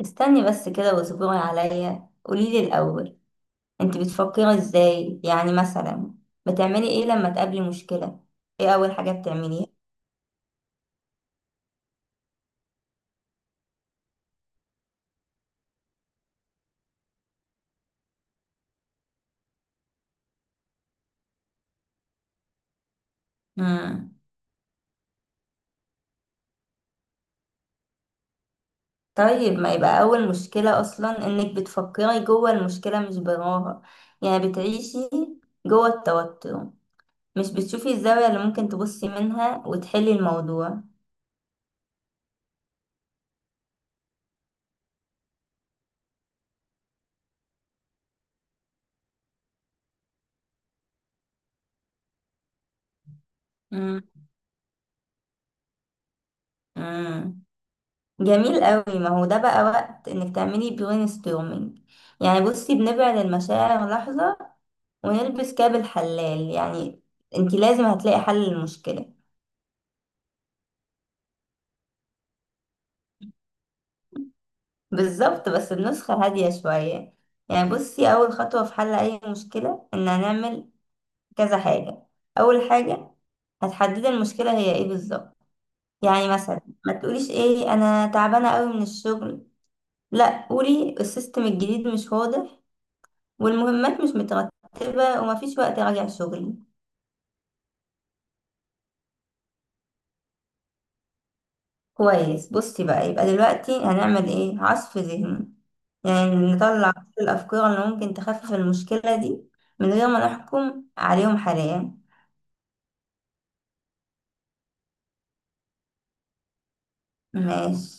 استني بس كده واصبري عليا، قوليلي الأول انت بتفكري ازاي؟ يعني مثلا بتعملي ايه لما تقابلي مشكلة؟ ايه أول حاجة بتعمليها؟ مم. طيب، ما يبقى أول مشكلة أصلا انك بتفكري جوه المشكلة مش براها. يعني بتعيشي جوه التوتر، مش بتشوفي الزاوية اللي ممكن تبصي منها وتحلي الموضوع. مم. مم. جميل قوي، ما هو ده بقى وقت انك تعملي برين ستورمينج. يعني بصي، بنبعد المشاعر لحظة ونلبس كاب الحلال، يعني انتي لازم هتلاقي حل للمشكلة. بالظبط، بس بنسخة هادية شوية. يعني بصي، أول خطوة في حل أي مشكلة إن هنعمل كذا حاجة. أول حاجة، هتحددي المشكلة هي إيه بالظبط. يعني مثلا، ما تقوليش إيه أنا تعبانة أوي من الشغل، لأ قولي السيستم الجديد مش واضح، والمهمات مش مترتبة، ومفيش وقت أراجع شغلي. كويس، بصي بقى، يبقى دلوقتي هنعمل ايه؟ عصف ذهني. يعني نطلع كل الافكار اللي ممكن تخفف المشكلة دي من غير ما نحكم عليهم حاليا. ماشي.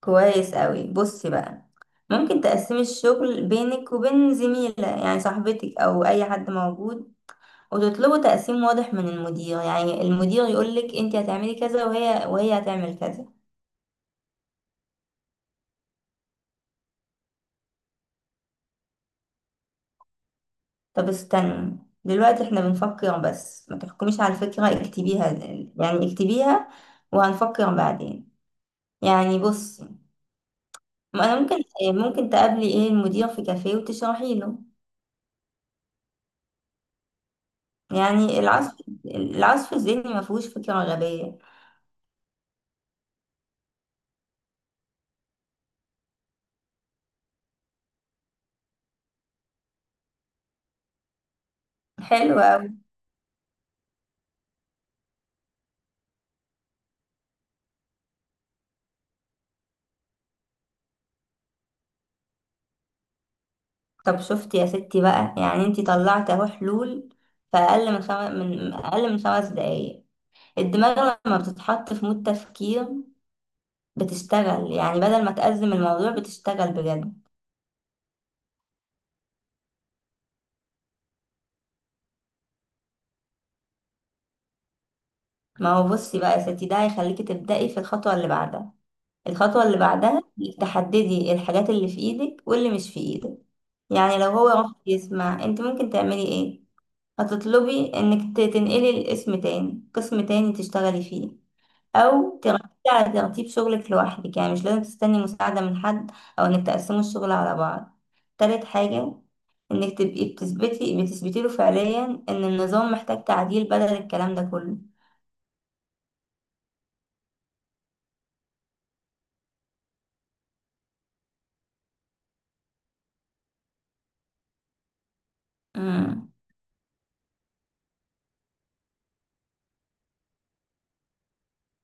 كويس قوي، بصي بقى، ممكن تقسمي الشغل بينك وبين زميلة يعني صاحبتك او اي حد موجود، وتطلبوا تقسيم واضح من المدير، يعني المدير يقولك انت هتعملي كذا وهي هتعمل كذا. طب استني، دلوقتي احنا بنفكر بس، ما تحكميش على الفكرة، اكتبيها. يعني اكتبيها وهنفكر بعدين. يعني بصي، ما انا ممكن تقابلي ايه المدير في كافيه وتشرحي له. يعني العصف الذهني ما فيهوش فكرة غبية. حلو قوي. طب شفتي يا ستي بقى، يعني انتي طلعت اهو حلول في اقل من خمس دقايق. الدماغ لما بتتحط في مود تفكير بتشتغل، يعني بدل ما تأزم الموضوع بتشتغل بجد. ما هو بصي بقى يا ستي، ده هيخليكي تبدأي في الخطوة اللي بعدها. الخطوة اللي بعدها، انك تحددي الحاجات اللي في ايدك واللي مش في ايدك. يعني لو هو رفض يسمع، انت ممكن تعملي ايه؟ هتطلبي انك تنقلي الاسم تاني، قسم تاني تشتغلي فيه، او تركزي على ترتيب شغلك لوحدك يعني مش لازم تستني مساعدة من حد، او انك تقسموا الشغل على بعض. تالت حاجة، انك تبقي بتثبتي له فعليا ان النظام محتاج تعديل بدل الكلام ده كله.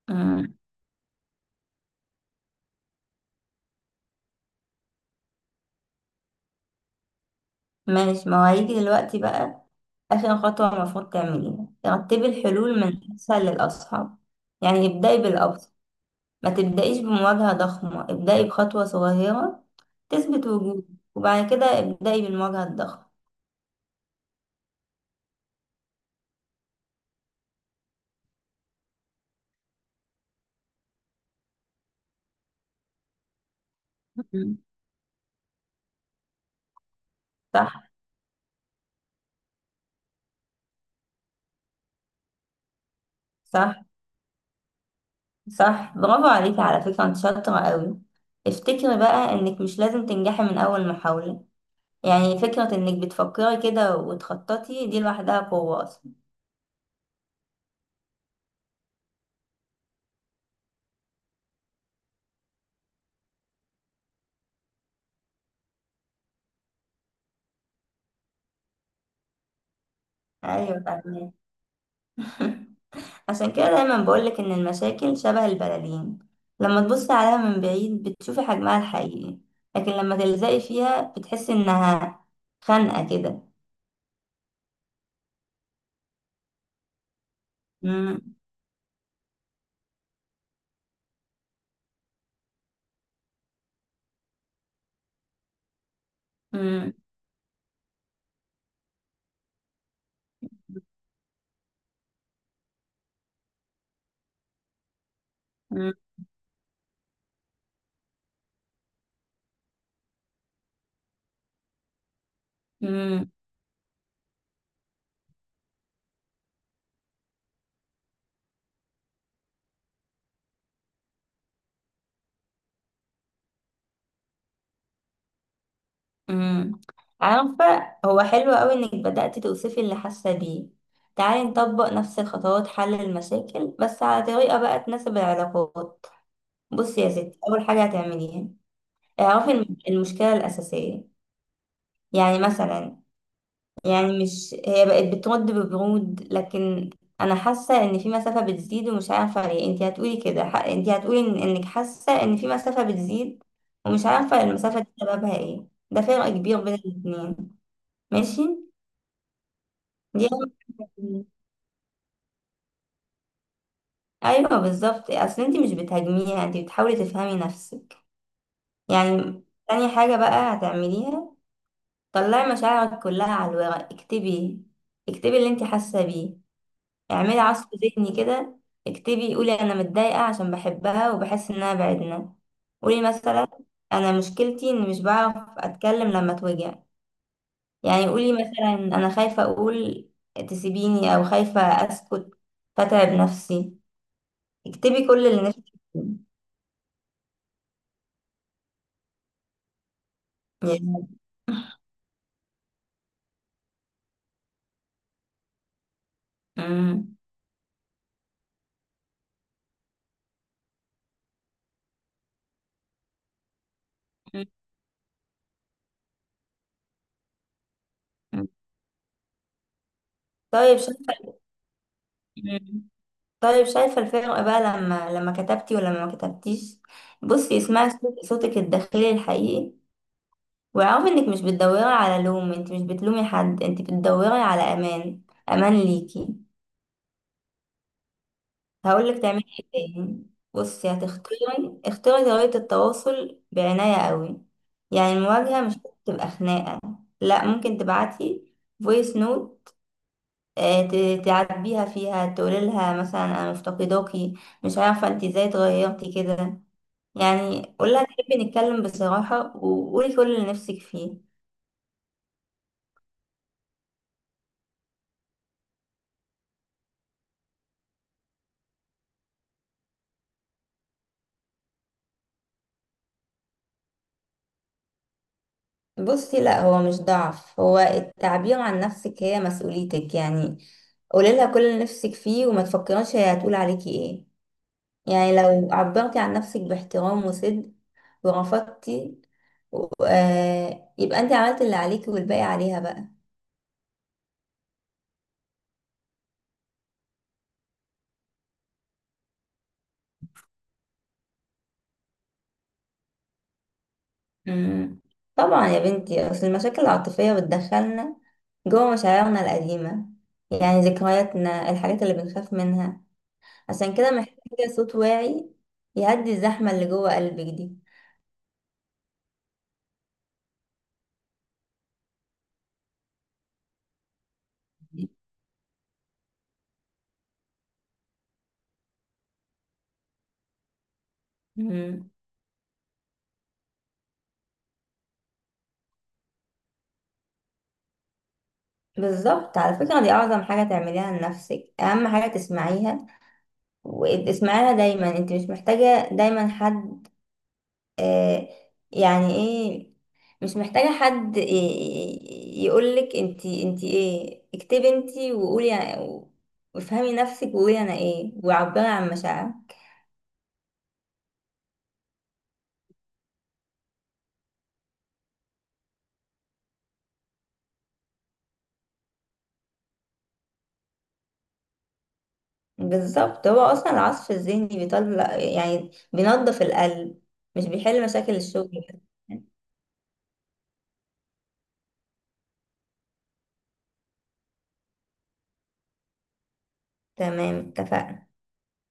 امم. ماشي، ما هو هيجي دلوقتي بقى. آخر خطوة المفروض تعمليها، رتبي الحلول من أسهل للأصعب. يعني ابدأي بالأبسط، ما تبدأيش بمواجهة ضخمة، ابدأي بخطوة صغيرة تثبت وجودك، وبعد كده ابدأي بالمواجهة الضخمة. مم. صح. صح. صح، برافو عليكي، على فكرة انت شاطرة قوي. افتكري بقى انك مش لازم تنجحي من أول محاولة. يعني فكرة انك بتفكري كده وتخططي دي لوحدها قوة أصلا. أيوة، فاهمة. عشان كده دايما بقولك إن المشاكل شبه البلالين، لما تبصي عليها من بعيد بتشوفي حجمها الحقيقي، لكن لما تلزقي فيها بتحسي إنها خانقة كده. مم، مم، مم، مم، مم. عارفة، هو حلو قوي إنك بدأتي توصفي اللي حاسة بيه. تعالي نطبق نفس الخطوات، حل المشاكل بس على طريقة بقى تناسب العلاقات. بصي يا ستي، أول حاجة هتعمليها اعرفي المشكلة الأساسية. يعني مثلا، يعني مش هي بقت بترد ببرود، لكن انا حاسه ان في مسافه بتزيد ومش عارفه ليه. انت هتقولي كده، انت هتقولي إن انك حاسه ان في مسافه بتزيد ومش عارفه المسافه دي سببها ايه. ده فرق كبير بين الاتنين. ماشي. دي أول- ايوه بالظبط، اصل انت مش بتهاجميها، انت بتحاولي تفهمي نفسك. يعني تاني حاجه بقى هتعمليها، طلعي مشاعرك كلها على الورق. اكتبي، اكتبي اللي انت حاسه بيه. اعملي عصف ذهني كده، اكتبي. قولي انا متضايقة عشان بحبها وبحس انها بعدنا. قولي مثلا انا مشكلتي اني مش بعرف اتكلم لما اتوجع. يعني قولي مثلا انا خايفة اقول تسيبيني، او خايفة اسكت فتعب نفسي. اكتبي كل اللي نفسك فيه. مم. مم. طيب شايفة. مم. طيب شايفة الفرق بقى لما كتبتي ولما ما كتبتيش. بصي اسمعي صوتك الداخلي الحقيقي، واعرف انك مش بتدوري على لوم، انت مش بتلومي حد، انت بتدوري على امان. امان ليكي. هقولك تعملي ايه تاني. بصي هتختاري، اختاري طريقة التواصل بعناية قوي. يعني المواجهة مش تبقى خناقة، لا ممكن تبعتي فويس نوت تعاتبيها فيها، تقولي لها مثلا انا مفتقداكي، مش عارفة انت ازاي اتغيرتي كده. يعني قولها تحبي نتكلم بصراحة، وقولي كل اللي نفسك فيه. بصي لا، هو مش ضعف، هو التعبير عن نفسك هي مسؤوليتك. يعني قولي لها كل اللي نفسك فيه، وما تفكريش هي هتقول عليكي ايه. يعني لو عبرتي عن نفسك باحترام وصدق ورفضتي آه، يبقى انت عملت اللي عليكي والباقي عليها بقى. مم. طبعا يا بنتي، اصل المشاكل العاطفية بتدخلنا جوه مشاعرنا القديمة، يعني ذكرياتنا، الحاجات اللي بنخاف منها. عشان كده محتاجة صوت واعي يهدي الزحمة اللي جوه قلبك دي. مم. بالظبط، على فكرة دي أعظم حاجة تعمليها لنفسك، أهم حاجة تسمعيها وتسمعيها دايما. انت مش محتاجة دايما حد. آه. يعني ايه؟ مش محتاجة حد يقولك انت ايه. اكتبي انت وقولي وافهمي نفسك، وقولي انا ايه، وعبري عن مشاعرك. بالظبط، هو أصلا العصف الذهني بيطلع يعني بينظف القلب، مش بيحل مشاكل الشغل. تمام، اتفقنا.